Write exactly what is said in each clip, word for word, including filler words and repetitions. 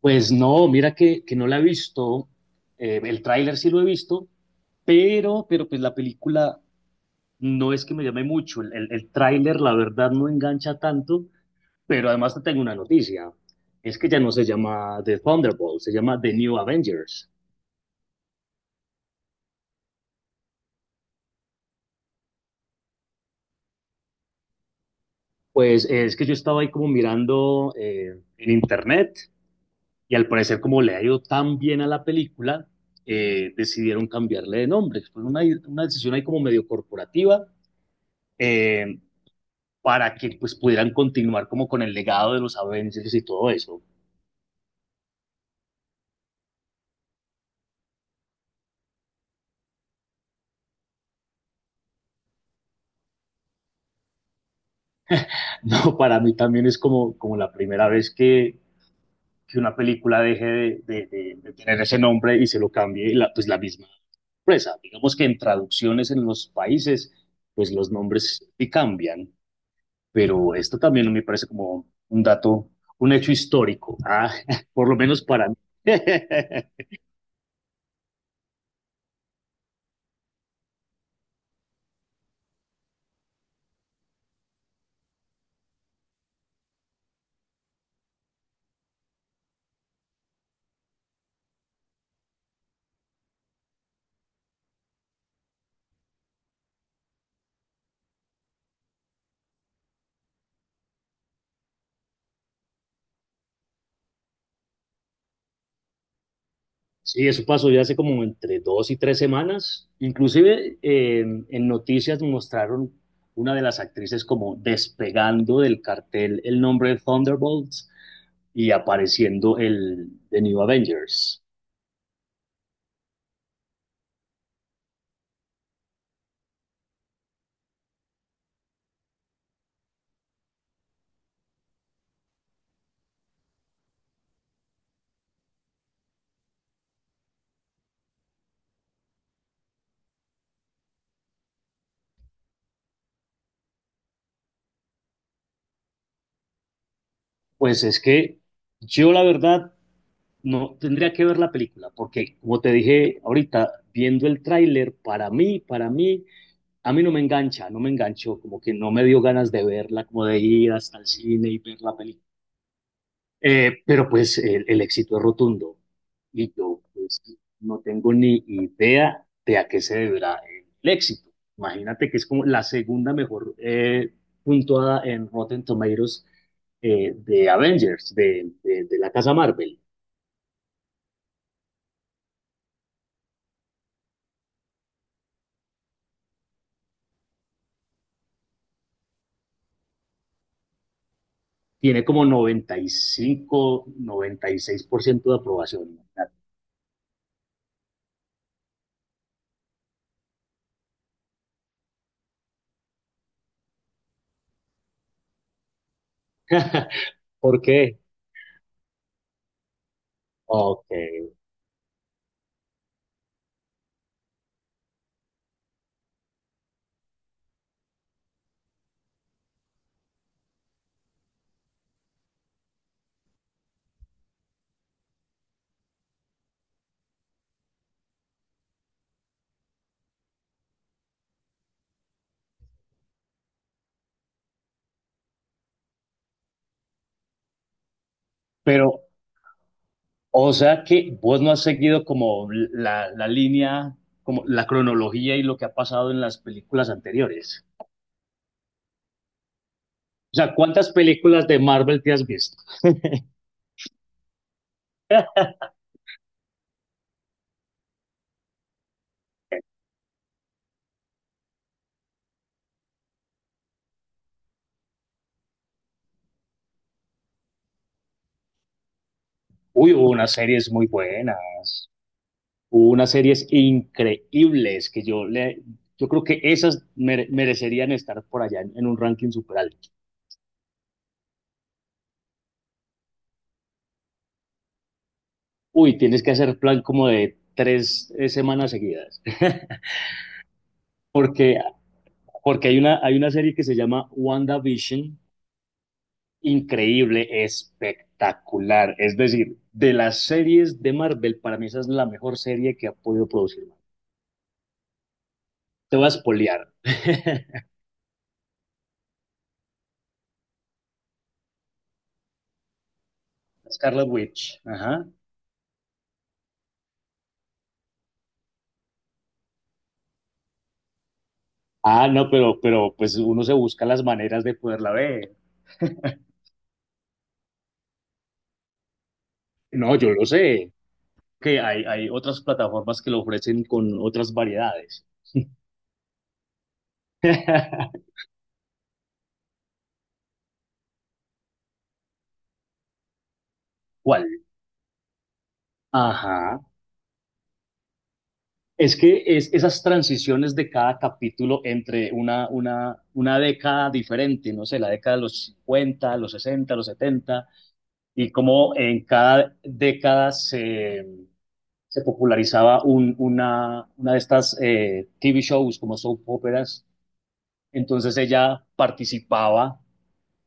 Pues no, mira que, que no la he visto. Eh, el tráiler sí lo he visto, pero, pero pues la película no es que me llame mucho. El, el, el tráiler la verdad no engancha tanto, pero además te tengo una noticia: es que ya no se llama The Thunderbolt, se llama The New Avengers. Pues eh, es que yo estaba ahí como mirando eh, en internet y al parecer como le ha ido tan bien a la película, eh, decidieron cambiarle de nombre. Fue una, una decisión ahí como medio corporativa. Eh, para que pues pudieran continuar como con el legado de los Avengers y todo eso. No, para mí también es como, como la primera vez que, que una película deje de, de, de, de, tener ese nombre y se lo cambie la, pues la misma empresa. Digamos que en traducciones en los países pues los nombres sí cambian, pero esto también me parece como un dato, un hecho histórico, ¿ah? por lo menos para mí. Sí, eso pasó ya hace como entre dos y tres semanas. Inclusive eh, en noticias mostraron una de las actrices como despegando del cartel el nombre de Thunderbolts y apareciendo el de New Avengers. Pues es que yo la verdad no tendría que ver la película porque como te dije ahorita viendo el tráiler para mí, para mí a mí no me engancha, no me enganchó, como que no me dio ganas de verla, como de ir hasta el cine y ver la película. Eh, pero pues el, el éxito es rotundo y yo pues no tengo ni idea de a qué se deberá el éxito. Imagínate que es como la segunda mejor eh, puntuada en Rotten Tomatoes, eh, de Avengers, de, de, de la casa Marvel. Tiene como noventa, noventa y y cinco, noventa y seis por ciento de aprobación. ¿Por qué? Ok. Pero O sea que vos no has seguido como la, la línea, como la cronología y lo que ha pasado en las películas anteriores. O sea, ¿cuántas películas de Marvel te has visto? Uy, hubo unas series muy buenas, hubo unas series increíbles que yo le, yo creo que esas mere- merecerían estar por allá en, en un ranking super alto. Uy, tienes que hacer plan como de tres eh, semanas seguidas, porque porque hay una hay una serie que se llama WandaVision, increíble, espectacular. Es decir, de las series de Marvel, para mí esa es la mejor serie que ha podido producir Marvel. Te voy a espolear. Scarlet Witch. Ajá. Ah, no, pero, pero pues uno se busca las maneras de poderla ver. No, yo lo sé. Que hay, hay otras plataformas que lo ofrecen con otras variedades. ¿Cuál? Ajá. Es que es esas transiciones de cada capítulo entre una, una, una década diferente, no sé, la década de los cincuenta, los sesenta, los setenta, y cómo en cada década se, se popularizaba un, una, una de estas eh, T V shows como soap operas. Entonces ella participaba,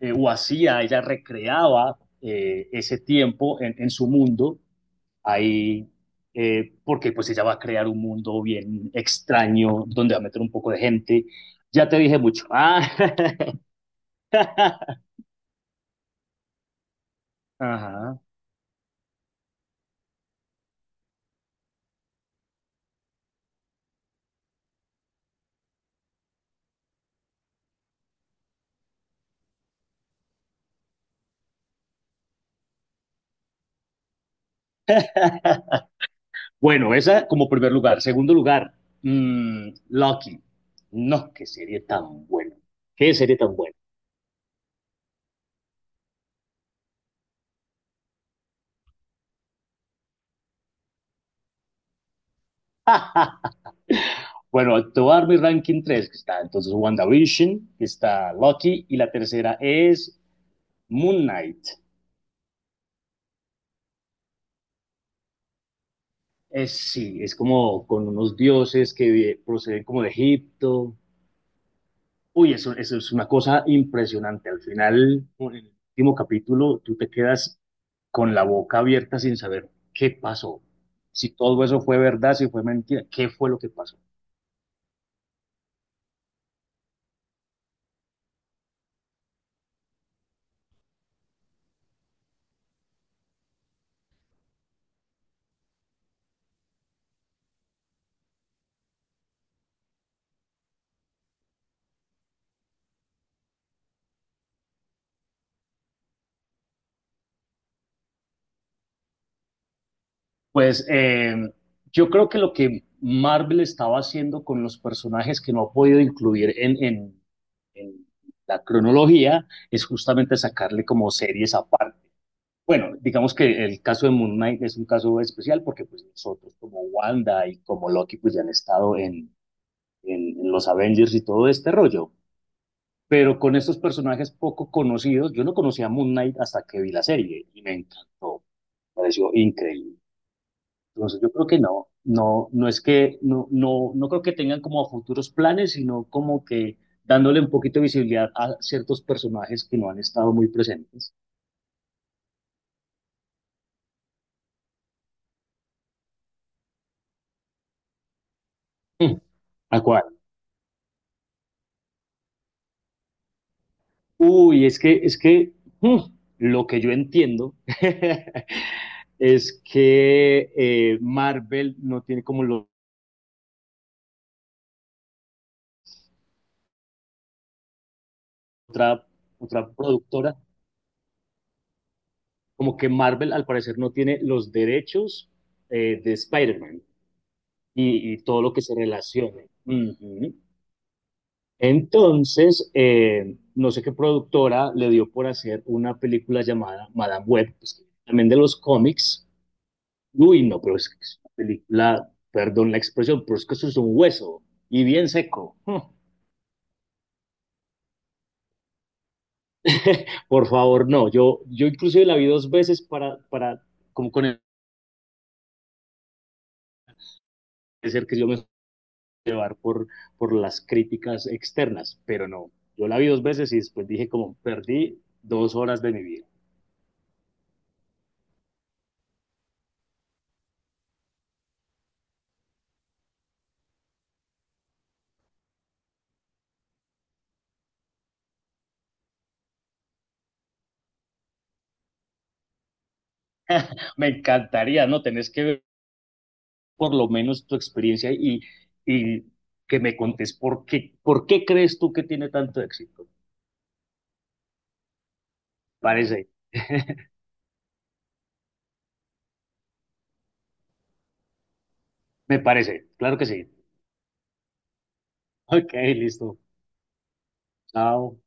eh, o hacía, ella recreaba eh, ese tiempo en, en su mundo ahí, eh, porque pues ella va a crear un mundo bien extraño donde va a meter un poco de gente. Ya te dije mucho. Ah. Ajá. Bueno, esa como primer lugar. Segundo lugar, mm, Lucky. No, qué serie tan buena. Qué serie tan buena. Bueno, te voy a dar mi ranking tres, que está entonces WandaVision, que está Lucky, y la tercera es Moon Knight. Es, sí, es como con unos dioses que proceden como de Egipto. Uy, eso, eso es una cosa impresionante. Al final, en el último capítulo, tú te quedas con la boca abierta sin saber qué pasó, si todo eso fue verdad, si fue mentira, qué fue lo que pasó. Pues eh, yo creo que lo que Marvel estaba haciendo con los personajes que no ha podido incluir en, en, en la cronología es justamente sacarle como series aparte. Bueno, digamos que el caso de Moon Knight es un caso especial porque pues nosotros como Wanda y como Loki pues ya han estado en, en, en los Avengers y todo este rollo. Pero con estos personajes poco conocidos, yo no conocía a Moon Knight hasta que vi la serie y me encantó, pareció increíble. Entonces yo creo que no, no, no es que, no, no, no creo que tengan como futuros planes, sino como que dándole un poquito de visibilidad a ciertos personajes que no han estado muy presentes. Hmm. ¿A cuál? Uy, es que, es que mm, lo que yo entiendo es que eh, Marvel no tiene como lo- otra, otra, productora, como que Marvel al parecer no tiene los derechos eh, de Spider-Man y, y todo lo que se relacione. Ujú. Entonces, eh, no sé qué productora le dio por hacer una película llamada Madame Web, pues, también de los cómics. Uy, no, pero es que es una película, perdón la expresión, pero es que eso es un hueso y bien seco. Hmm. Por favor, no. Yo, yo inclusive la vi dos veces para, para como con el ser que yo me suelo llevar por, por las críticas externas, pero no. Yo la vi dos veces y después dije como perdí dos horas de mi vida. Me encantaría, ¿no? Tenés que ver por lo menos tu experiencia y, y que me contes por qué, por qué crees tú que tiene tanto éxito. Parece, Me parece, claro que sí. Ok, listo. Chao.